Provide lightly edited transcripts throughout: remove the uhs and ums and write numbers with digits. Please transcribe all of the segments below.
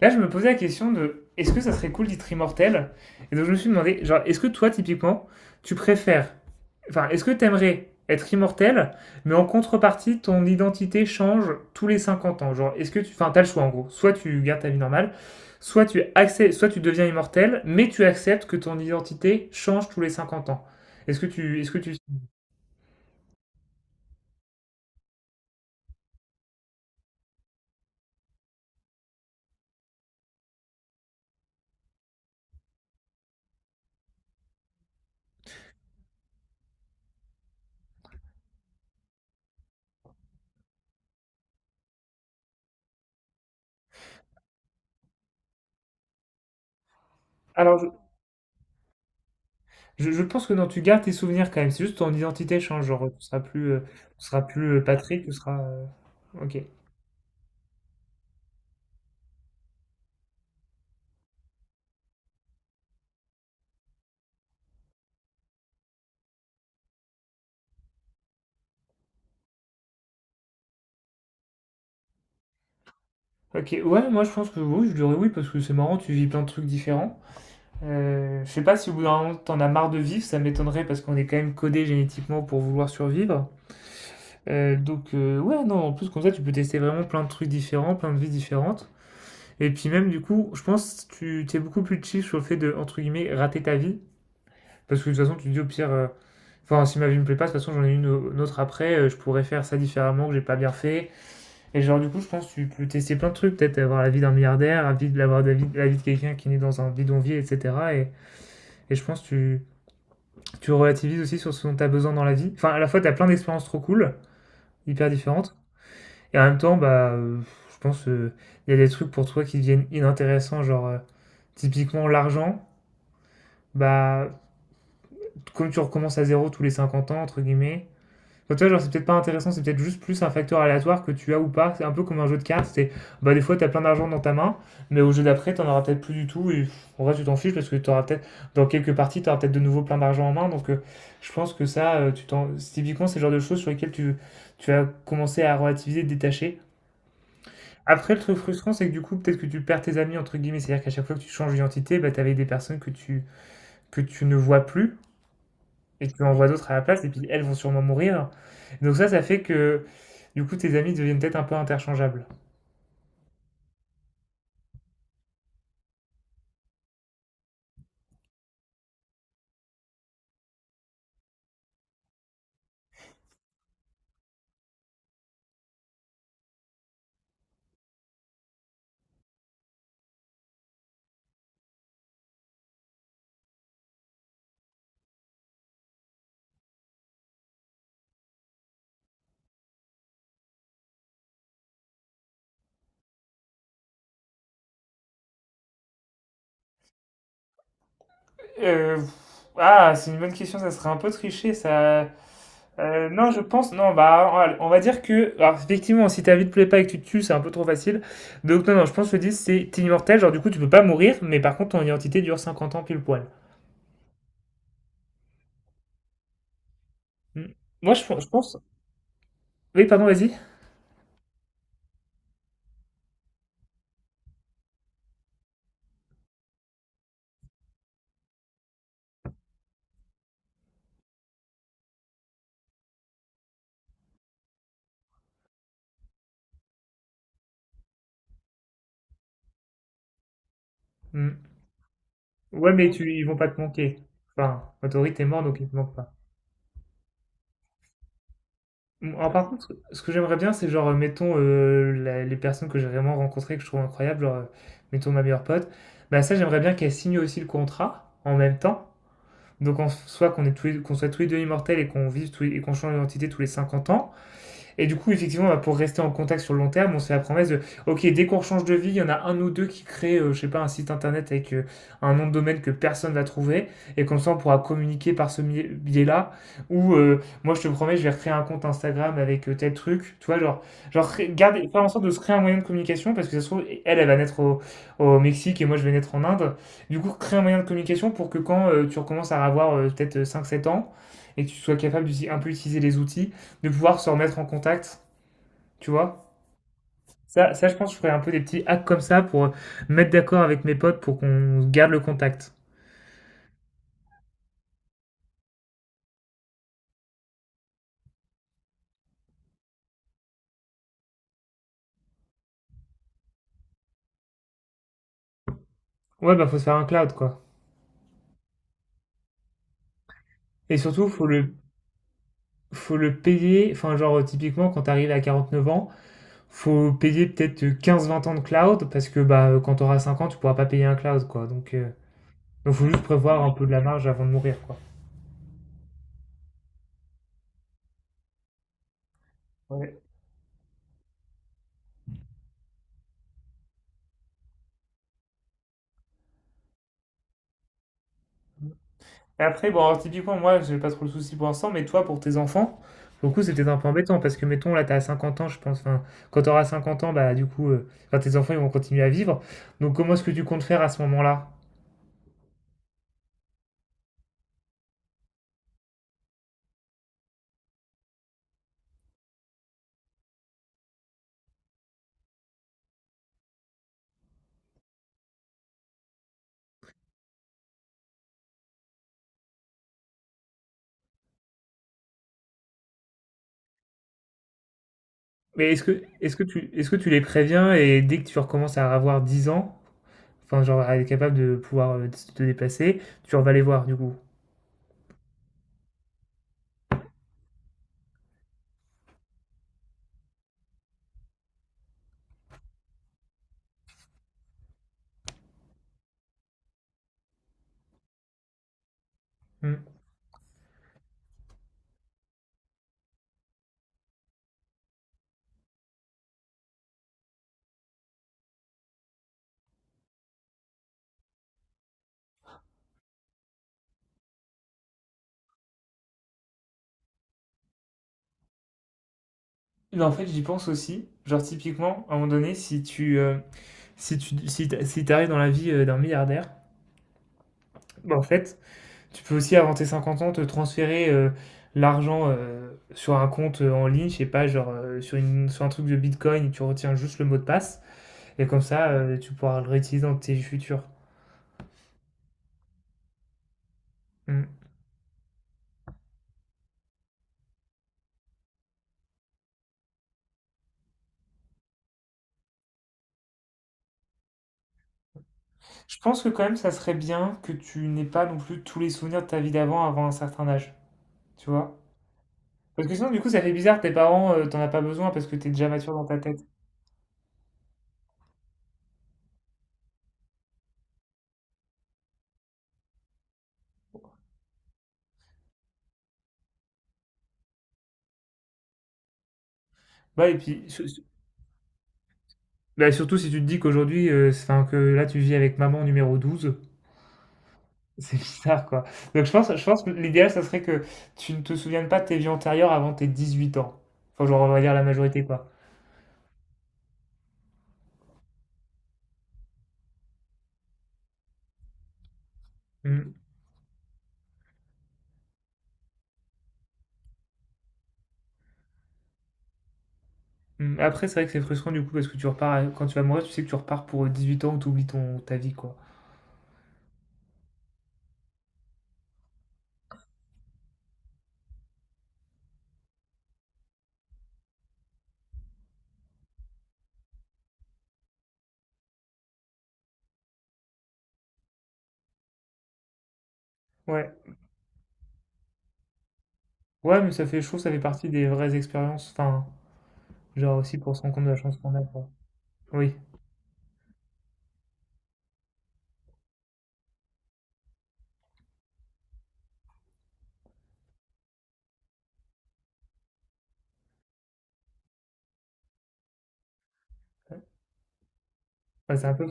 Là, je me posais la question de est-ce que ça serait cool d'être immortel. Et donc, je me suis demandé, genre, est-ce que toi, typiquement, tu préfères. Enfin, est-ce que t'aimerais être immortel, mais en contrepartie, ton identité change tous les 50 ans. Genre, est-ce que tu. Enfin, t'as le choix, en gros. Soit tu gardes ta vie normale, soit tu deviens immortel, mais tu acceptes que ton identité change tous les 50 ans. Est-ce que tu. Est-ce que tu... Alors, je pense que non, tu gardes tes souvenirs quand même. C'est juste ton identité change. Genre, tu seras plus, Patrick, tu seras. Ok. Ok, ouais, moi je pense que oui, je dirais oui parce que c'est marrant, tu vis plein de trucs différents. Je sais pas si au bout d'un moment t'en as marre de vivre, ça m'étonnerait parce qu'on est quand même codé génétiquement pour vouloir survivre. Donc, ouais, non, en plus comme ça tu peux tester vraiment plein de trucs différents, plein de vies différentes. Et puis même du coup, je pense que tu t'es beaucoup plus chill sur le fait de, entre guillemets, rater ta vie. Parce que de toute façon tu te dis au pire, enfin si ma vie me plaît pas, de toute façon j'en ai une autre après, je pourrais faire ça différemment que j'ai pas bien fait. Et genre, du coup, je pense que tu peux tester plein de trucs, peut-être avoir la vie d'un milliardaire, avoir la vie de quelqu'un qui est né dans un bidonville, etc. Et je pense que tu, relativises aussi sur ce dont tu as besoin dans la vie. Enfin, à la fois, tu as plein d'expériences trop cool, hyper différentes, et en même temps, bah, je pense qu'il y a des trucs pour toi qui deviennent inintéressants, genre, typiquement l'argent, bah, comme tu recommences à zéro tous les 50 ans, entre guillemets. Enfin, tu vois, genre, c'est peut-être pas intéressant, c'est peut-être juste plus un facteur aléatoire que tu as ou pas. C'est un peu comme un jeu de cartes. C'est, bah, des fois, t'as plein d'argent dans ta main, mais au jeu d'après, t'en auras peut-être plus du tout. Et pff, en vrai, tu t'en fiches parce que t'auras peut-être, dans quelques parties, t'auras peut-être de nouveau plein d'argent en main. Donc, je pense que ça, tu t'en... c'est typiquement, c'est le genre de choses sur lesquelles tu, as commencé à relativiser, te détacher. Après, le truc frustrant, c'est que du coup, peut-être que tu perds tes amis, entre guillemets. C'est-à-dire qu'à chaque fois que tu changes d'identité, bah, t'avais des personnes que tu ne vois plus. Et tu envoies d'autres à la place, et puis elles vont sûrement mourir. Donc ça fait que du coup tes amis deviennent peut-être un peu interchangeables. Euh, ah, c'est une bonne question, ça serait un peu triché, ça. Non, je pense, non, bah, on va dire que, alors, effectivement, si ta vie te plaît pas et que tu te tues, c'est un peu trop facile. Donc, non, non, je pense que le 10, c'est t'es immortel, genre, du coup, tu peux pas mourir, mais par contre, ton identité dure 50 ans pile poil. Hmm. Moi, je pense, oui, pardon, vas-y. Hmm. Ouais, mais tu, ils vont pas te manquer. Enfin, en théorie, t'es mort, donc ils te manquent pas. Bon, alors, par contre, ce que j'aimerais bien, c'est genre, mettons, les personnes que j'ai vraiment rencontrées, que je trouve incroyables, genre, mettons ma meilleure pote, bah ça, j'aimerais bien qu'elle signe aussi le contrat en même temps. Donc, en soit qu'on soit tous les deux immortels et qu'on change d'identité tous les 50 ans, et du coup, effectivement, bah, pour rester en contact sur le long terme, on se fait la promesse de, ok, dès qu'on change de vie, il y en a un ou deux qui créent, je sais pas, un site internet avec un nom de domaine que personne va trouver, et comme ça, on pourra communiquer par ce biais-là. Ou, moi, je te promets, je vais recréer un compte Instagram avec tel truc. Tu vois, genre, garder, faire en sorte de se créer un moyen de communication, parce que ça se trouve, elle va naître au Mexique et moi, je vais naître en Inde. Du coup, créer un moyen de communication pour que quand tu recommences à avoir peut-être cinq, sept ans, et que tu sois capable d'utiliser un peu utiliser les outils, de pouvoir se remettre en contact, tu vois. Ça, je pense, que je ferais un peu des petits hacks comme ça pour mettre d'accord avec mes potes pour qu'on garde le contact. Ouais, bah, faut se faire un cloud, quoi. Et surtout, faut le payer. Enfin, genre, typiquement, quand t'arrives à 49 ans, faut payer peut-être quinze vingt ans de cloud parce que, bah, quand t'auras 5 ans, tu pourras pas payer un cloud, quoi. Donc, faut juste prévoir un peu de la marge avant de mourir, quoi. Ouais. Et après, bon, alors, typiquement, moi, j'ai pas trop le souci pour l'instant, mais toi, pour tes enfants, pour le coup, c'était un peu embêtant parce que, mettons, là, t'as 50 ans, je pense. Enfin, quand t'auras 50 ans, bah, du coup, enfin, tes enfants, ils vont continuer à vivre. Donc, comment est-ce que tu comptes faire à ce moment-là? Mais est-ce que tu les préviens et dès que tu recommences à avoir 10 ans, enfin, genre, à être capable de pouvoir te déplacer, tu vas les voir, du coup? Hmm. Non, en fait, j'y pense aussi. Genre, typiquement, à un moment donné, si t'arrives dans la vie d'un milliardaire, bah, en fait, tu peux aussi, avant tes 50 ans, te transférer l'argent sur un compte en ligne, je sais pas, genre, sur un truc de Bitcoin, tu retiens juste le mot de passe, et comme ça, tu pourras le réutiliser dans tes futurs. Mm. Je pense que quand même, ça serait bien que tu n'aies pas non plus tous les souvenirs de ta vie d'avant avant un certain âge, tu vois? Parce que sinon, du coup, ça fait bizarre, tes parents, t'en as pas besoin parce que t'es déjà mature dans ta tête. Bah, et puis, bah, surtout si tu te dis qu'aujourd'hui, enfin, que là, tu vis avec maman numéro 12. C'est bizarre, quoi. Donc je pense que l'idéal, ça serait que tu ne te souviennes pas de tes vies antérieures avant tes 18 ans. Enfin, genre, on va dire la majorité, quoi. Mmh, mmh. Après, c'est vrai que c'est frustrant, du coup, parce que tu repars quand tu vas mourir, tu sais que tu repars pour, 18 ans où tu oublies ton ta vie, quoi. Ouais. Ouais, mais ça fait, je trouve, ça fait partie des vraies expériences, enfin, genre aussi pour se rendre compte de la chance qu'on a, quoi. Oui. Ouais. Bah, c'est un peu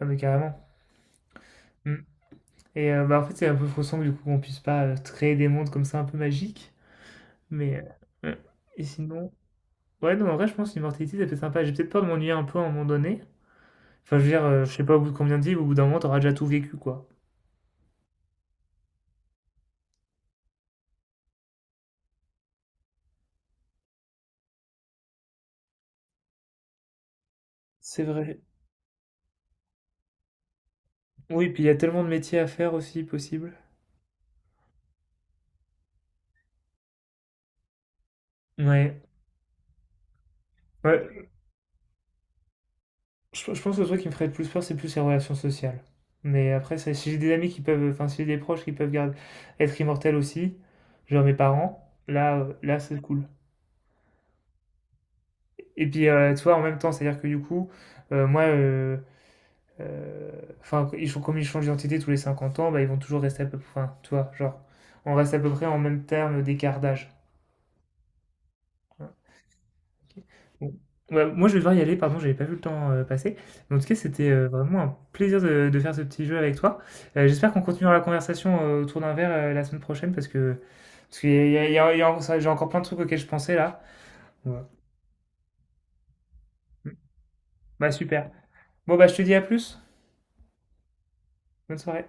ouais, mais carrément. Mmh et bah, en fait, c'est un peu frustrant, du coup, qu'on puisse pas, créer des mondes comme ça un peu magiques, mais mmh et sinon. Ouais, non, en vrai, je pense que l'immortalité, ça fait sympa. J'ai peut-être peur de m'ennuyer un peu à un moment donné. Enfin, je veux dire, je sais pas au bout de combien de vies, au bout d'un moment, t'auras déjà tout vécu, quoi. C'est vrai. Oui, puis il y a tellement de métiers à faire aussi, possible. Ouais. Ouais, je pense que le truc qui me ferait le plus peur, c'est plus les relations sociales. Mais après, ça, si j'ai des amis qui peuvent, enfin, si j'ai des proches qui peuvent garder, être immortels aussi, genre mes parents, là, c'est cool. Et puis, tu vois, en même temps, c'est-à-dire que du coup, moi, Heu, enfin, ils changent comme ils changent d'identité tous les 50 ans, bah, ils vont toujours rester à peu près. Enfin, tu vois? Genre, on reste à peu près en même terme d'écart d'âge. Ouais, OK. Bon, bah, moi, je vais devoir y aller, pardon, j'avais pas vu le temps, passer. Mais en tout cas, c'était, vraiment un plaisir de faire ce petit jeu avec toi. J'espère qu'on continuera la conversation, autour d'un verre, la semaine prochaine parce que parce qu'il y a il y a j'ai encore plein de trucs auxquels je pensais là. Ouais. Mmh. Bah, super. Bon, bah, je te dis à plus. Bonne soirée.